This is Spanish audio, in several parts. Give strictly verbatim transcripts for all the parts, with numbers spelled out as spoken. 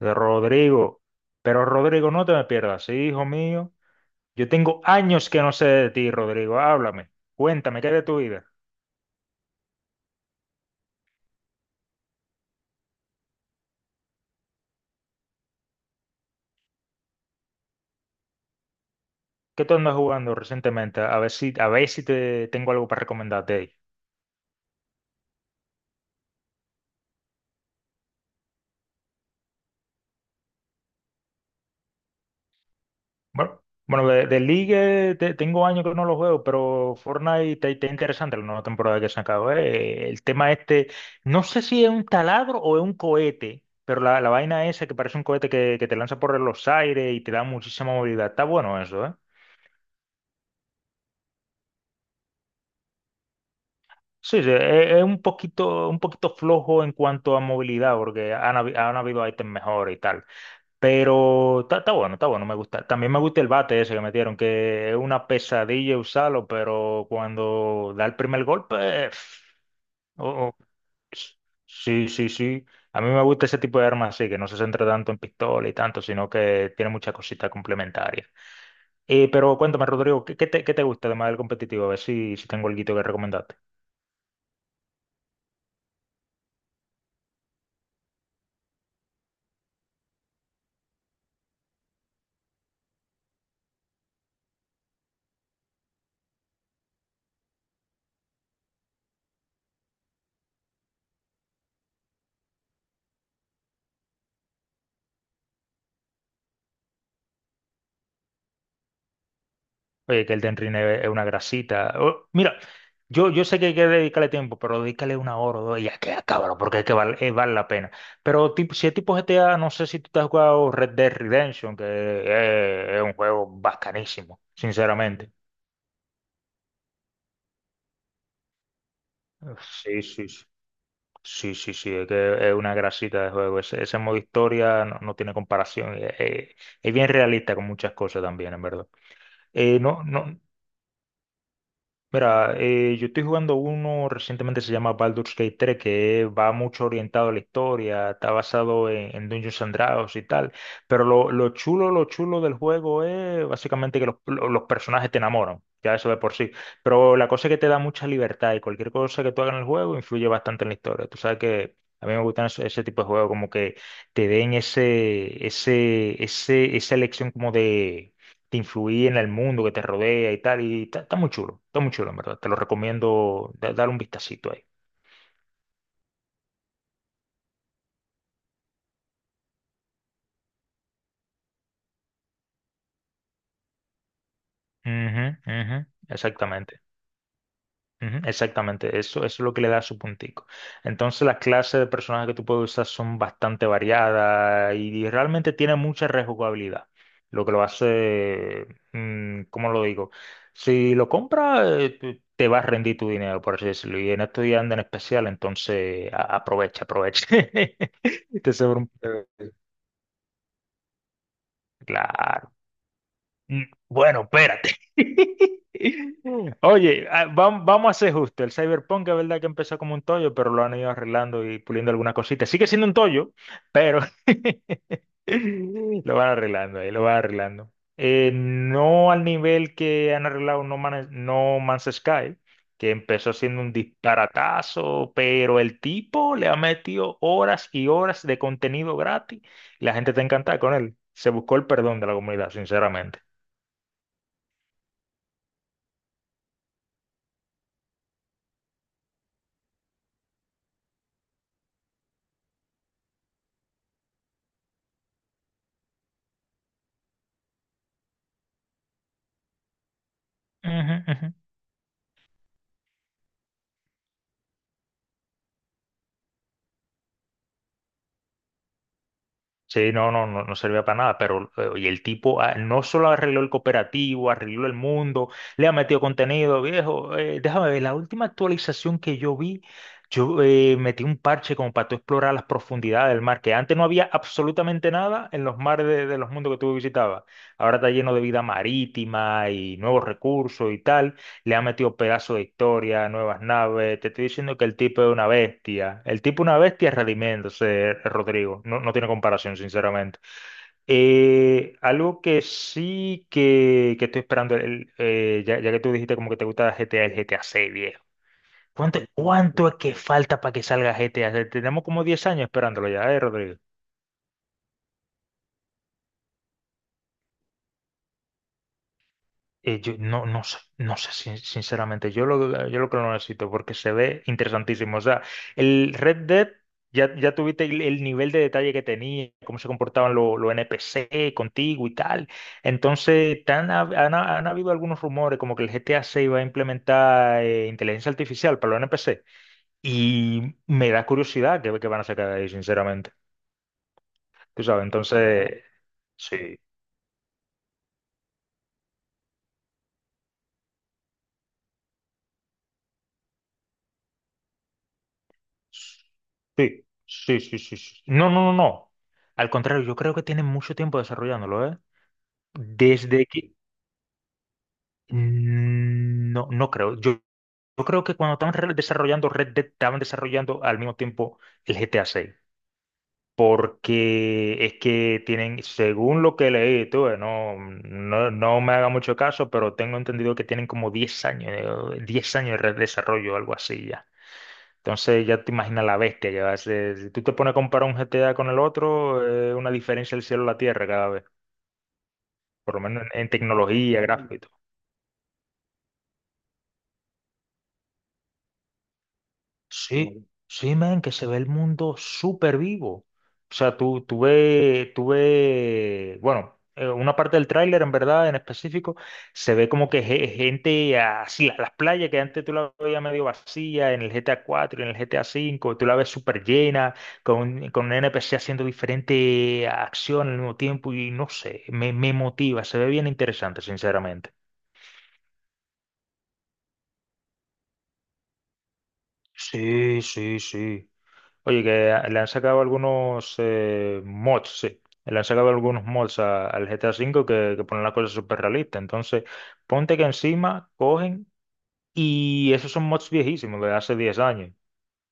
De Rodrigo. Pero Rodrigo, no te me pierdas, sí, hijo mío. Yo tengo años que no sé de ti, Rodrigo. Háblame, cuéntame, ¿qué es de tu vida? ¿Qué tú andas jugando recientemente? A ver si, a ver si te tengo algo para recomendarte ahí. Bueno, bueno, de, de League te- tengo años que no lo juego, pero Fortnite está está interesante la nueva temporada que se acabó. El tema este, no sé si es un taladro o es un cohete, pero la, la vaina esa que parece un cohete que, que te lanza por los aires y te da muchísima movilidad. Está bueno eso, ¿eh? Sí, sí, es es un poquito, un poquito flojo en cuanto a movilidad, porque han, habi- han habido ítems mejores y tal. Pero está, está bueno, está bueno, me gusta. También me gusta el bate ese que metieron, que es una pesadilla usarlo, pero cuando da el primer golpe, oh, oh, sí, sí, sí. A mí me gusta ese tipo de armas así, que no se centra tanto en pistola y tanto, sino que tiene muchas cositas complementarias. Eh, pero cuéntame, Rodrigo, ¿qué, qué te, qué te gusta además del competitivo? A ver si, si tengo algo que recomendar. Oye, que el Elden Ring es es una grasita. O- mira, yo, yo sé que hay que dedicarle tiempo, pero dedícale una hora o dos y ya que cabrón, porque es que vale, eh, vale la pena. Pero tipo, si es tipo G T A, no sé si tú te has jugado Red Dead Redemption, que eh, es un juego bacanísimo, sinceramente. Sí, sí, sí. Sí, sí, sí, es que es una grasita de juego. Ese, ese modo historia no, no tiene comparación. Eh, eh, Es bien realista con muchas cosas también, en verdad. Eh, no, no. Mira, eh, yo estoy jugando uno recientemente se llama Baldur's Gate tres, que va mucho orientado a la historia, está basado en, en Dungeons and Dragons y tal, pero lo, lo chulo, lo chulo del juego es básicamente que los, lo- los personajes te enamoran, ya eso de por sí, pero la cosa es que te da mucha libertad y cualquier cosa que tú hagas en el juego influye bastante en la historia. Tú sabes que a mí me gustan ese, ese tipo de juegos, como que te den ese, ese, ese, esa elección como de te influye en el mundo que te rodea y tal. Y está, está muy chulo, está muy chulo, en verdad. Te lo recomiendo da- dar un vistacito ahí. Ujú, ujú, exactamente. Ujú, exactamente, eso, eso es lo que le da su puntico. Entonces las clases de personajes que tú puedes usar son bastante variadas y realmente tiene mucha rejugabilidad, lo que lo hace, mm, ¿cómo lo digo? Si lo compras, eh, tú- te va a rendir tu dinero, por así decirlo, y en estos días andan en especial, entonces a- aprovecha, aprovecha. Te sobra un... Claro. Mm, Bueno, espérate. Oye, ah, vam- vamos a ser justos. El Cyberpunk es verdad que empezó como un tollo, pero lo han ido arreglando y puliendo algunas cositas. Sigue siendo un tollo, pero lo van arreglando ahí, lo van arreglando. Eh, no al nivel que han arreglado No Man- No Man's Sky, que empezó siendo un disparatazo, pero el tipo le ha metido horas y horas de contenido gratis. La gente está encantada con él. Se buscó el perdón de la comunidad, sinceramente. Ujú, ujú. Sí, no, no, no, no servía para nada, pero eh, y el tipo ah, no solo arregló el cooperativo, arregló el mundo, le ha metido contenido, viejo. Eh, déjame ver, la última actualización que yo vi, yo eh, metí un parche como para tú explorar las profundidades del mar, que antes no había absolutamente nada en los mares de, de los mundos que tú visitabas. Ahora está lleno de vida marítima y nuevos recursos y tal. Le ha metido pedazos de historia, nuevas naves. Te estoy diciendo que el tipo es una bestia. El tipo es una bestia redimiéndose, Rodrigo. No, no tiene comparación, sinceramente. Eh, algo que sí que, que estoy esperando, el- eh, ya, ya que tú dijiste como que te gusta G T A, el G T A seis, viejo. ¿Cuánto, cuánto es que falta para que salga G T A? Tenemos como diez años esperándolo ya, ¿eh, Rodrigo? Eh, yo no, no sé, no sé, sin- sinceramente, yo lo, yo lo que lo necesito porque se ve interesantísimo. O sea, el Red Dead, ya, ya tuviste el, el nivel de detalle que tenía, cómo se comportaban los N P C contigo y tal. Entonces, tan ha- han, han habido algunos rumores como que el G T A seis va a implementar eh, inteligencia artificial para los N P C. Y me da curiosidad que, que van a sacar de ahí, sinceramente. Tú sabes, entonces, sí. Sí, sí, sí, sí, sí. No, no, no, no. Al contrario, yo creo que tienen mucho tiempo desarrollándolo, ¿eh? Desde que... Mm, no, no creo. Yo, yo creo que cuando estaban re- desarrollando Red Dead, estaban desarrollando al mismo tiempo el G T A seis. Porque es que tienen, según lo que leí, tú, eh, no, no, no me haga mucho caso, pero tengo entendido que tienen como diez años, eh, diez años de desarrollo, algo así ya. Entonces ya te imaginas la bestia que va a ser. Si tú te pones a comparar un G T A con el otro, es una diferencia del cielo a la tierra cada vez, por lo menos en, en tecnología, Mm. gráfico. Sí, sí, man, que se ve el mundo súper vivo. O sea, tú, tú ve, tú ve- bueno, eh, una parte del tráiler, en verdad, en específico, se ve como que ge- gente así, la- las playas que antes tú la veías medio vacía en el G T A cuatro y en el G T A cinco, tú la ves súper llena, con, con un N P C haciendo diferente acción al mismo tiempo y no sé, me, me motiva, se ve bien interesante, sinceramente. Sí, sí, sí. Oye, que le han sacado algunos eh, mods, sí. Le han sacado algunos mods a- al G T A V que, que ponen las cosas súper realistas. Entonces, ponte que encima cogen y esos son mods viejísimos, de hace diez años.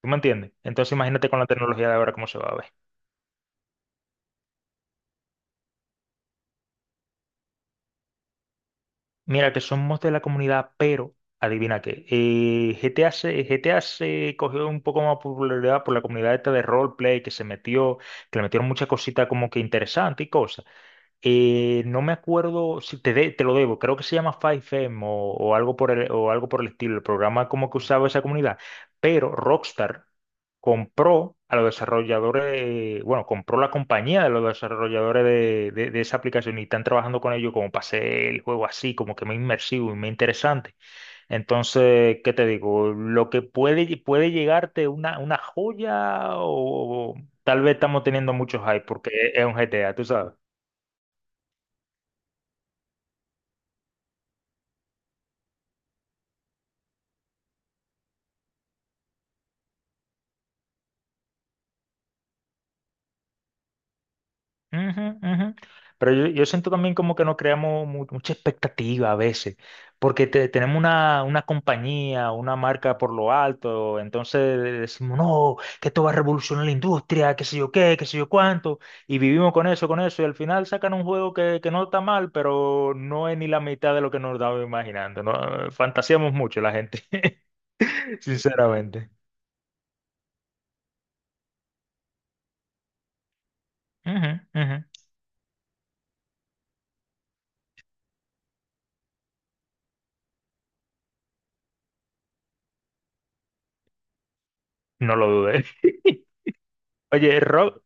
¿Tú me entiendes? Entonces, imagínate con la tecnología de ahora cómo se va a ver. Mira, que son mods de la comunidad, pero adivina qué. Eh, G T A se, G T A se cogió un poco más popularidad por la comunidad esta de roleplay que se metió, que le metieron muchas cositas como que interesantes y cosas. Eh, no me acuerdo si te, de- te lo debo, creo que se llama cinco M o, o algo por el, o algo por el estilo, el programa como que usaba esa comunidad, pero Rockstar compró a los desarrolladores, bueno, compró la compañía de los desarrolladores de, de- de esa aplicación y están trabajando con ellos como para hacer el juego así, como que más inmersivo y más interesante. Entonces, ¿qué te digo? Lo que puede, lle- puede llegarte una, una joya o, o tal vez estamos teniendo mucho hype porque es es un G T A, tú sabes. Ujú, ujú. Pero yo, yo siento también como que no creamos mu- mucha expectativa a veces, porque te- tenemos una, una compañía, una marca por lo alto, entonces decimos, no, que esto va a revolucionar la industria, qué sé yo qué, qué sé yo cuánto, y vivimos con eso, con eso, y al final sacan un juego que, que no está mal, pero no es ni la mitad de lo que nos estábamos imaginando, ¿no? Fantaseamos mucho la gente, sinceramente. Ujú, ujú. No lo dudé. Oye, Rob,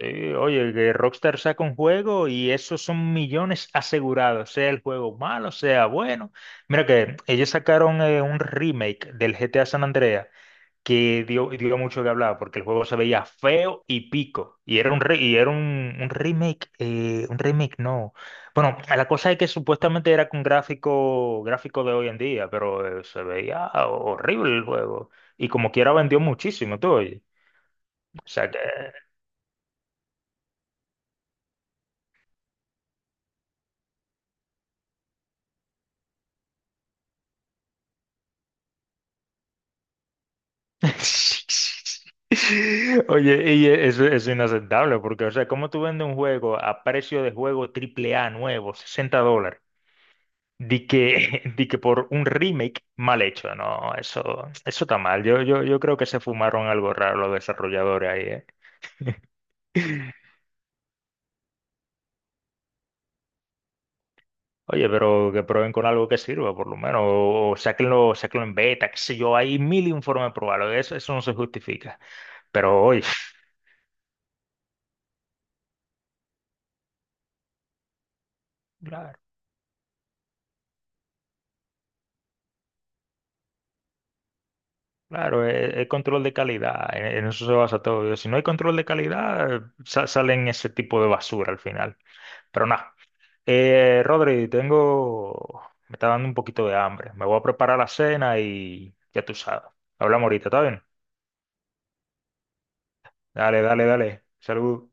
sí, oye, que Rockstar saca un juego y esos son millones asegurados, sea el juego malo, sea bueno. Mira que ellos sacaron eh, un remake del G T A San Andreas que dio, dio mucho que hablar porque el juego se veía feo y pico. Y era un, re- y era un, un remake, eh, un remake no. Bueno, la cosa es que supuestamente era con gráfico, gráfico de hoy en día, pero eh, se veía horrible el juego. Y como quiera vendió muchísimo, tú oye. O sea que... Oye, y e- eso es inaceptable, porque, o sea, ¿cómo tú vendes un juego a precio de juego triple A nuevo, sesenta dólares, di que, di que por un remake mal hecho? No, eso, eso está mal. Yo, yo, yo creo que se fumaron algo raro los desarrolladores ahí, ¿eh? Oye, pero que prueben con algo que sirva, por lo menos, o, o sáquenlo, sáquenlo en beta, qué sé yo, hay mil informes probados, eso, eso no se justifica. Pero, oye, claro, eh, el control de calidad, en en eso se basa todo. Si no hay control de calidad, eh, sa- salen ese tipo de basura al final. Pero nada, eh, Rodri, tengo, me está dando un poquito de hambre. Me voy a preparar la cena y ya tú sabes. Hablamos ahorita, ¿está bien? Dale, dale, dale. Salud.